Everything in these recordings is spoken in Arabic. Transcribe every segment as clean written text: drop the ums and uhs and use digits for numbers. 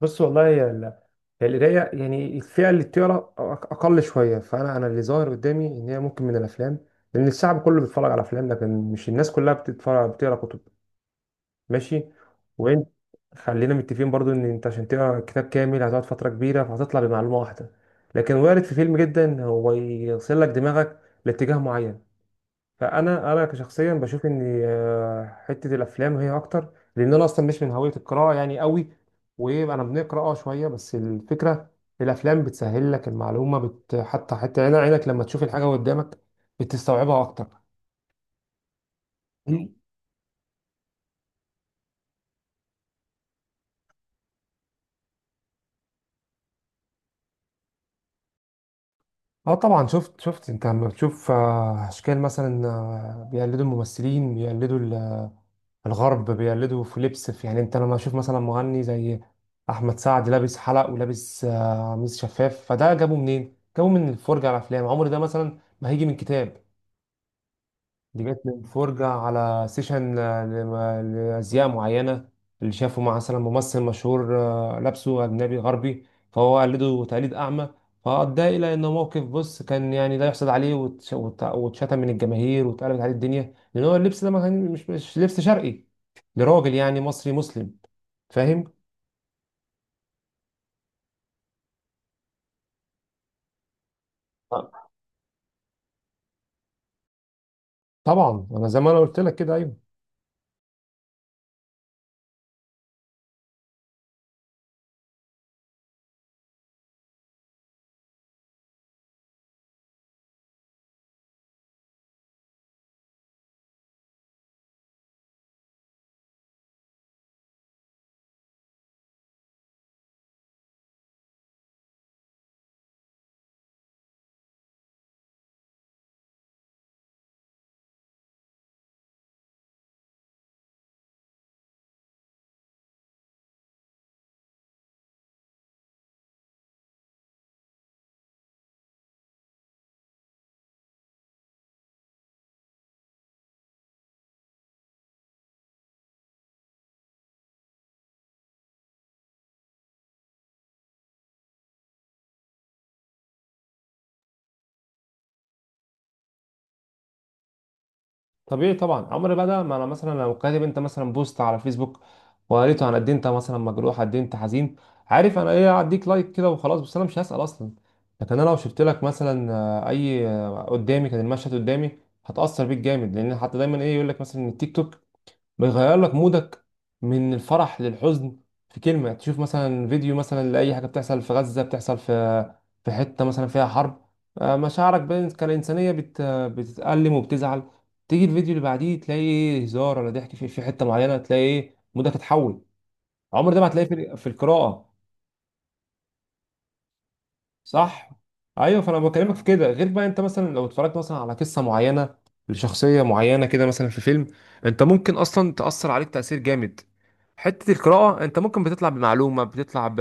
بص، والله هي هي القراية، يعني الفئة اللي بتقرا أقل شوية. فأنا أنا اللي ظاهر قدامي إن هي ممكن من الأفلام، لأن الشعب كله بيتفرج على أفلام لكن مش الناس كلها بتتفرج بتقرا كتب. ماشي. وأنت خلينا متفقين برضو إن أنت عشان تقرا كتاب كامل هتقعد فترة كبيرة فهتطلع بمعلومة واحدة، لكن وارد في فيلم جدا هو يغسل لك دماغك لاتجاه معين. فانا كشخصيا بشوف ان حته الافلام هي اكتر، لان انا اصلا مش من هويه القراءه يعني قوي. وانا بنقرا اه شويه بس الفكره، الافلام بتسهل لك المعلومه، حتى عينك لما تشوف الحاجه قدامك بتستوعبها اكتر. مم. اه طبعا، شفت. انت لما بتشوف اشكال مثلا، بيقلدوا الممثلين، بيقلدوا الغرب، بيقلدوا في لبس، في يعني. انت لما تشوف مثلا مغني زي احمد سعد لابس حلق ولابس قميص شفاف، فده جابه منين؟ جابه من الفرجه على افلام، عمر ده مثلا ما هيجي من كتاب. دي جت من فرجة على سيشن لأزياء معينة، اللي شافه مع مثلا ممثل مشهور لابسه أجنبي غربي، فهو قلده تقليد أعمى. فأدى إلى إنه موقف بص كان يعني لا يحسد عليه، واتشتم من الجماهير واتقلبت عليه الدنيا، لأن هو اللبس ده ما كان مش لبس شرقي لراجل يعني مصري مسلم. فاهم؟ آه، طبعا. أنا زي ما أنا قلت لك كده، أيوه. طبيعي طبعا، عمر بقى ده ما. انا مثلا لو كاتب انت مثلا بوست على فيسبوك وقريته عن قد إيه انت مثلا مجروح، قد إيه انت حزين، عارف انا ايه؟ هديك لايك كده وخلاص، بس انا مش هسأل اصلا. لكن انا لو شفت لك مثلا آه، اي آه، قدامي، كان المشهد قدامي، هتأثر بيك جامد. لان حتى دايما ايه يقول لك مثلا إن التيك توك بيغير لك مودك من الفرح للحزن في كلمة. تشوف مثلا فيديو مثلا لأي حاجة بتحصل في غزة، بتحصل في حتة مثلا فيها حرب، مشاعرك كالإنسانية بتتألم وبتزعل. تيجي الفيديو اللي بعديه تلاقي إيه، هزار ولا ضحك في حتة معينة، تلاقي إيه، مودك اتحول. عمر ده ما هتلاقيه في القراءة. صح. ايوه. فانا بكلمك في كده. غير بقى انت مثلا لو اتفرجت مثلا على قصه معينه لشخصيه معينه كده مثلا في فيلم، انت ممكن اصلا تاثر عليك تاثير جامد. حته القراءه انت ممكن بتطلع بمعلومه، بتطلع ب...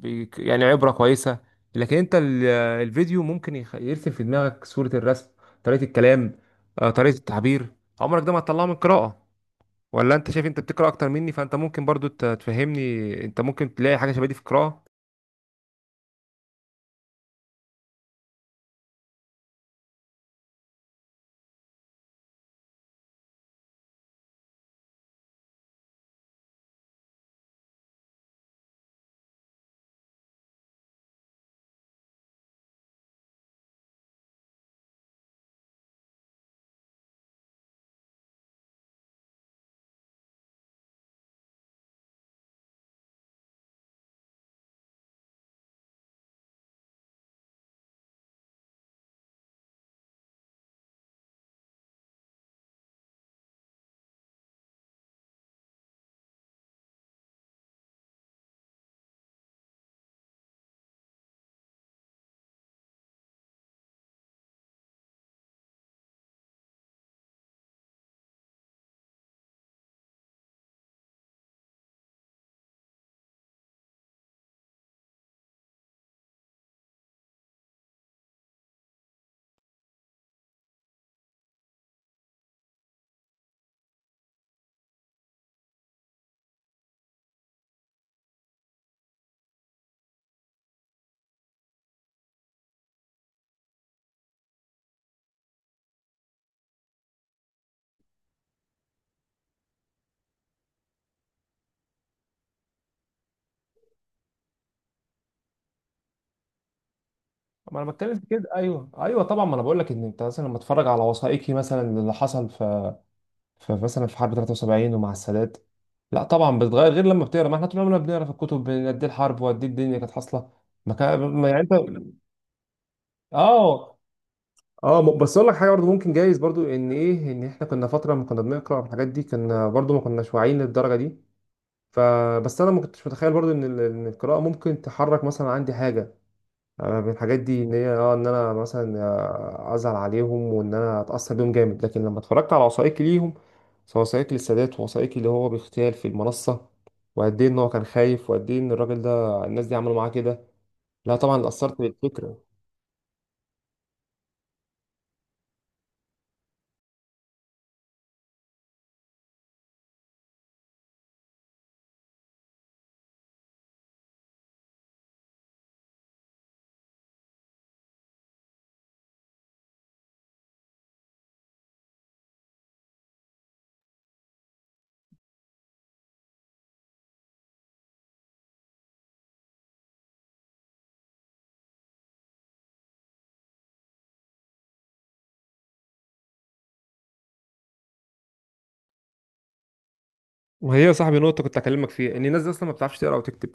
ب... يعني عبره كويسه. لكن انت الفيديو ممكن يرسم في دماغك صوره، الرسم، طريقه الكلام، طريقه التعبير، عمرك ده ما هتطلعه من القراءه. ولا انت شايف؟ انت بتقرا اكتر مني فانت ممكن برضو تفهمني، انت ممكن تلاقي حاجه شبه دي في القراءه. ما انا بتكلم في كده. ايوه ايوه طبعا. ما انا بقول لك ان انت مثلا لما اتفرج على وثائقي مثلا اللي حصل في مثلا في حرب 73 ومع السادات. لا طبعا بتتغير، غير لما بتقرا. ما احنا طول عمرنا بنقرا في الكتب بين قد إيه الحرب وقد إيه الدنيا كانت حاصله، ما كان ما يعني انت. اه اه. بس اقول لك حاجه برضه، ممكن جايز برضه ان ايه ان احنا كنا فتره ما كنا بنقرا على الحاجات دي، كنا برضه ما كناش واعيين للدرجه دي. فبس انا ما كنتش متخيل برضه ان إن القراءه ممكن تحرك مثلا عندي حاجه. أنا من الحاجات دي ان هي اه ان انا مثلا ازعل عليهم وان انا اتاثر بيهم جامد، لكن لما اتفرجت على وثائقي ليهم، سواء وثائقي للسادات ووثائقي اللي هو باغتيال في المنصه، وقد ايه ان هو كان خايف، وقد ايه ان الراجل ده الناس دي عملوا معاه كده، لا طبعا اتاثرت بالفكره. ما هي يا صاحبي نقطة كنت أكلمك فيها إن الناس دي أصلا ما بتعرفش تقرأ وتكتب.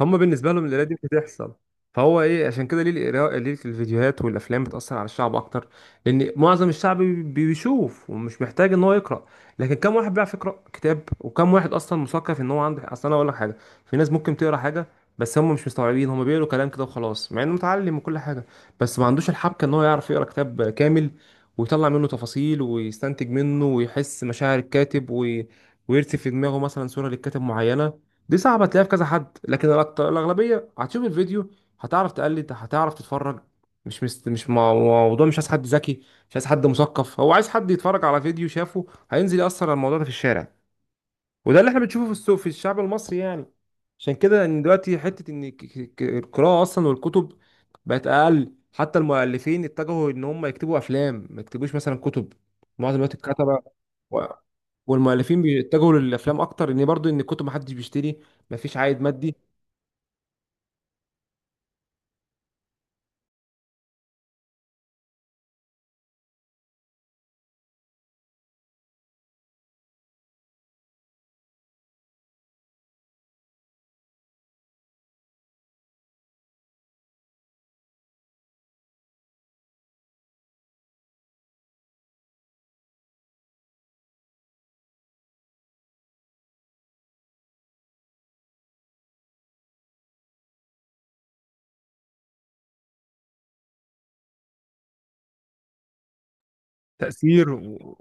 هما بالنسبة لهم القراية دي بتحصل. فهو إيه عشان كده ليه القراءة، ليه الفيديوهات والأفلام بتأثر على الشعب أكتر؟ لأن معظم الشعب بيشوف ومش محتاج إن هو يقرأ. لكن كم واحد بيعرف يقرأ كتاب؟ وكم واحد أصلا مثقف إن هو عنده أصل؟ أنا أقول لك حاجة، في ناس ممكن تقرأ حاجة بس هم مش مستوعبين، هم بيقولوا كلام كده وخلاص مع إنه متعلم وكل حاجة، بس ما عندوش الحبكة إن هو يعرف يقرأ كتاب كامل ويطلع منه تفاصيل ويستنتج منه ويحس مشاعر الكاتب ويرسم في دماغه مثلا صوره للكاتب معينه. دي صعبه تلاقيها في كذا حد، لكن الاغلبيه هتشوف الفيديو، هتعرف تقلد، هتعرف تتفرج. مش مست... مش مع- موضوع مش عايز حد ذكي، مش عايز حد مثقف، هو عايز حد يتفرج على فيديو شافه هينزل يأثر على الموضوع ده في الشارع. وده اللي احنا بنشوفه في السوق، في الشعب المصري يعني. عشان كده ان دلوقتي حته ان القراءه اصلا والكتب بقت اقل. حتى المؤلفين اتجهوا ان هم يكتبوا افلام، ما يكتبوش مثلا كتب معظم الوقت الكتبه. و- والمؤلفين بيتجهوا للافلام اكتر، ان برضو ان الكتب محدش بيشتري، مفيش عائد مادي. تاثير و...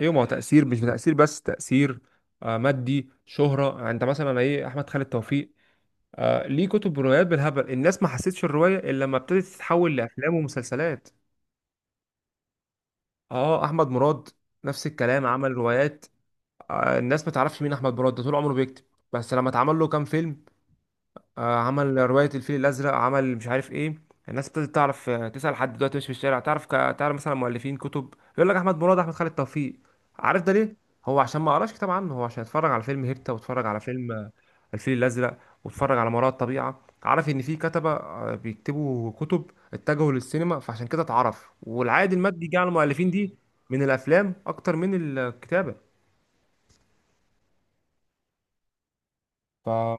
ايوه، ما هو تاثير، مش تاثير بس، تاثير مادي، شهره. يعني انت مثلا ايه، احمد خالد توفيق، آه، ليه كتب روايات بالهبل، الناس ما حسيتش الرواية إلا لما ابتدت تتحول لأفلام ومسلسلات. اه، أحمد مراد نفس الكلام، عمل روايات. آه الناس ما تعرفش مين أحمد مراد، ده طول عمره بيكتب، بس لما اتعمل له كام فيلم، آه، عمل رواية الفيل الأزرق، عمل مش عارف إيه، الناس ابتدت تعرف. تسأل حد دلوقتي مش في الشارع، تعرف تعرف مثلا مؤلفين كتب، يقول لك أحمد مراد، أحمد خالد توفيق. عارف ده ليه؟ هو عشان ما قراش كتاب عنه، هو عشان اتفرج على فيلم هيبتا، واتفرج على فيلم الفيل الازرق، واتفرج على ما وراء الطبيعه. عارف ان في كتبه بيكتبوا كتب، اتجهوا للسينما، فعشان كده اتعرف والعائد المادي جه على المؤلفين دي من الافلام اكتر من الكتابه. فتخيل.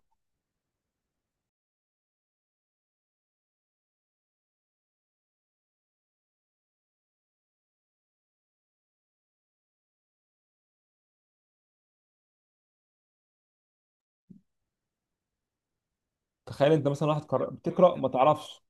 انت مثلا واحد بتقرا ما تعرفش.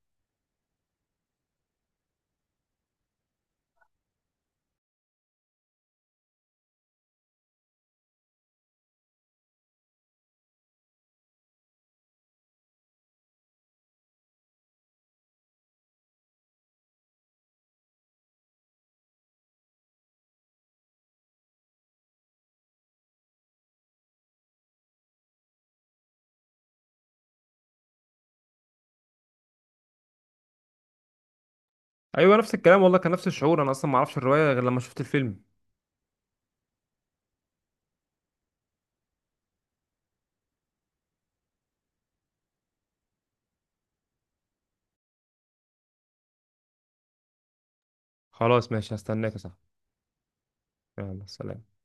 ايوه نفس الكلام والله، كان نفس الشعور، انا اصلا ما اعرفش الروايه غير لما شفت الفيلم. خلاص ماشي، هستناك يا صاحبي. يلا سلام.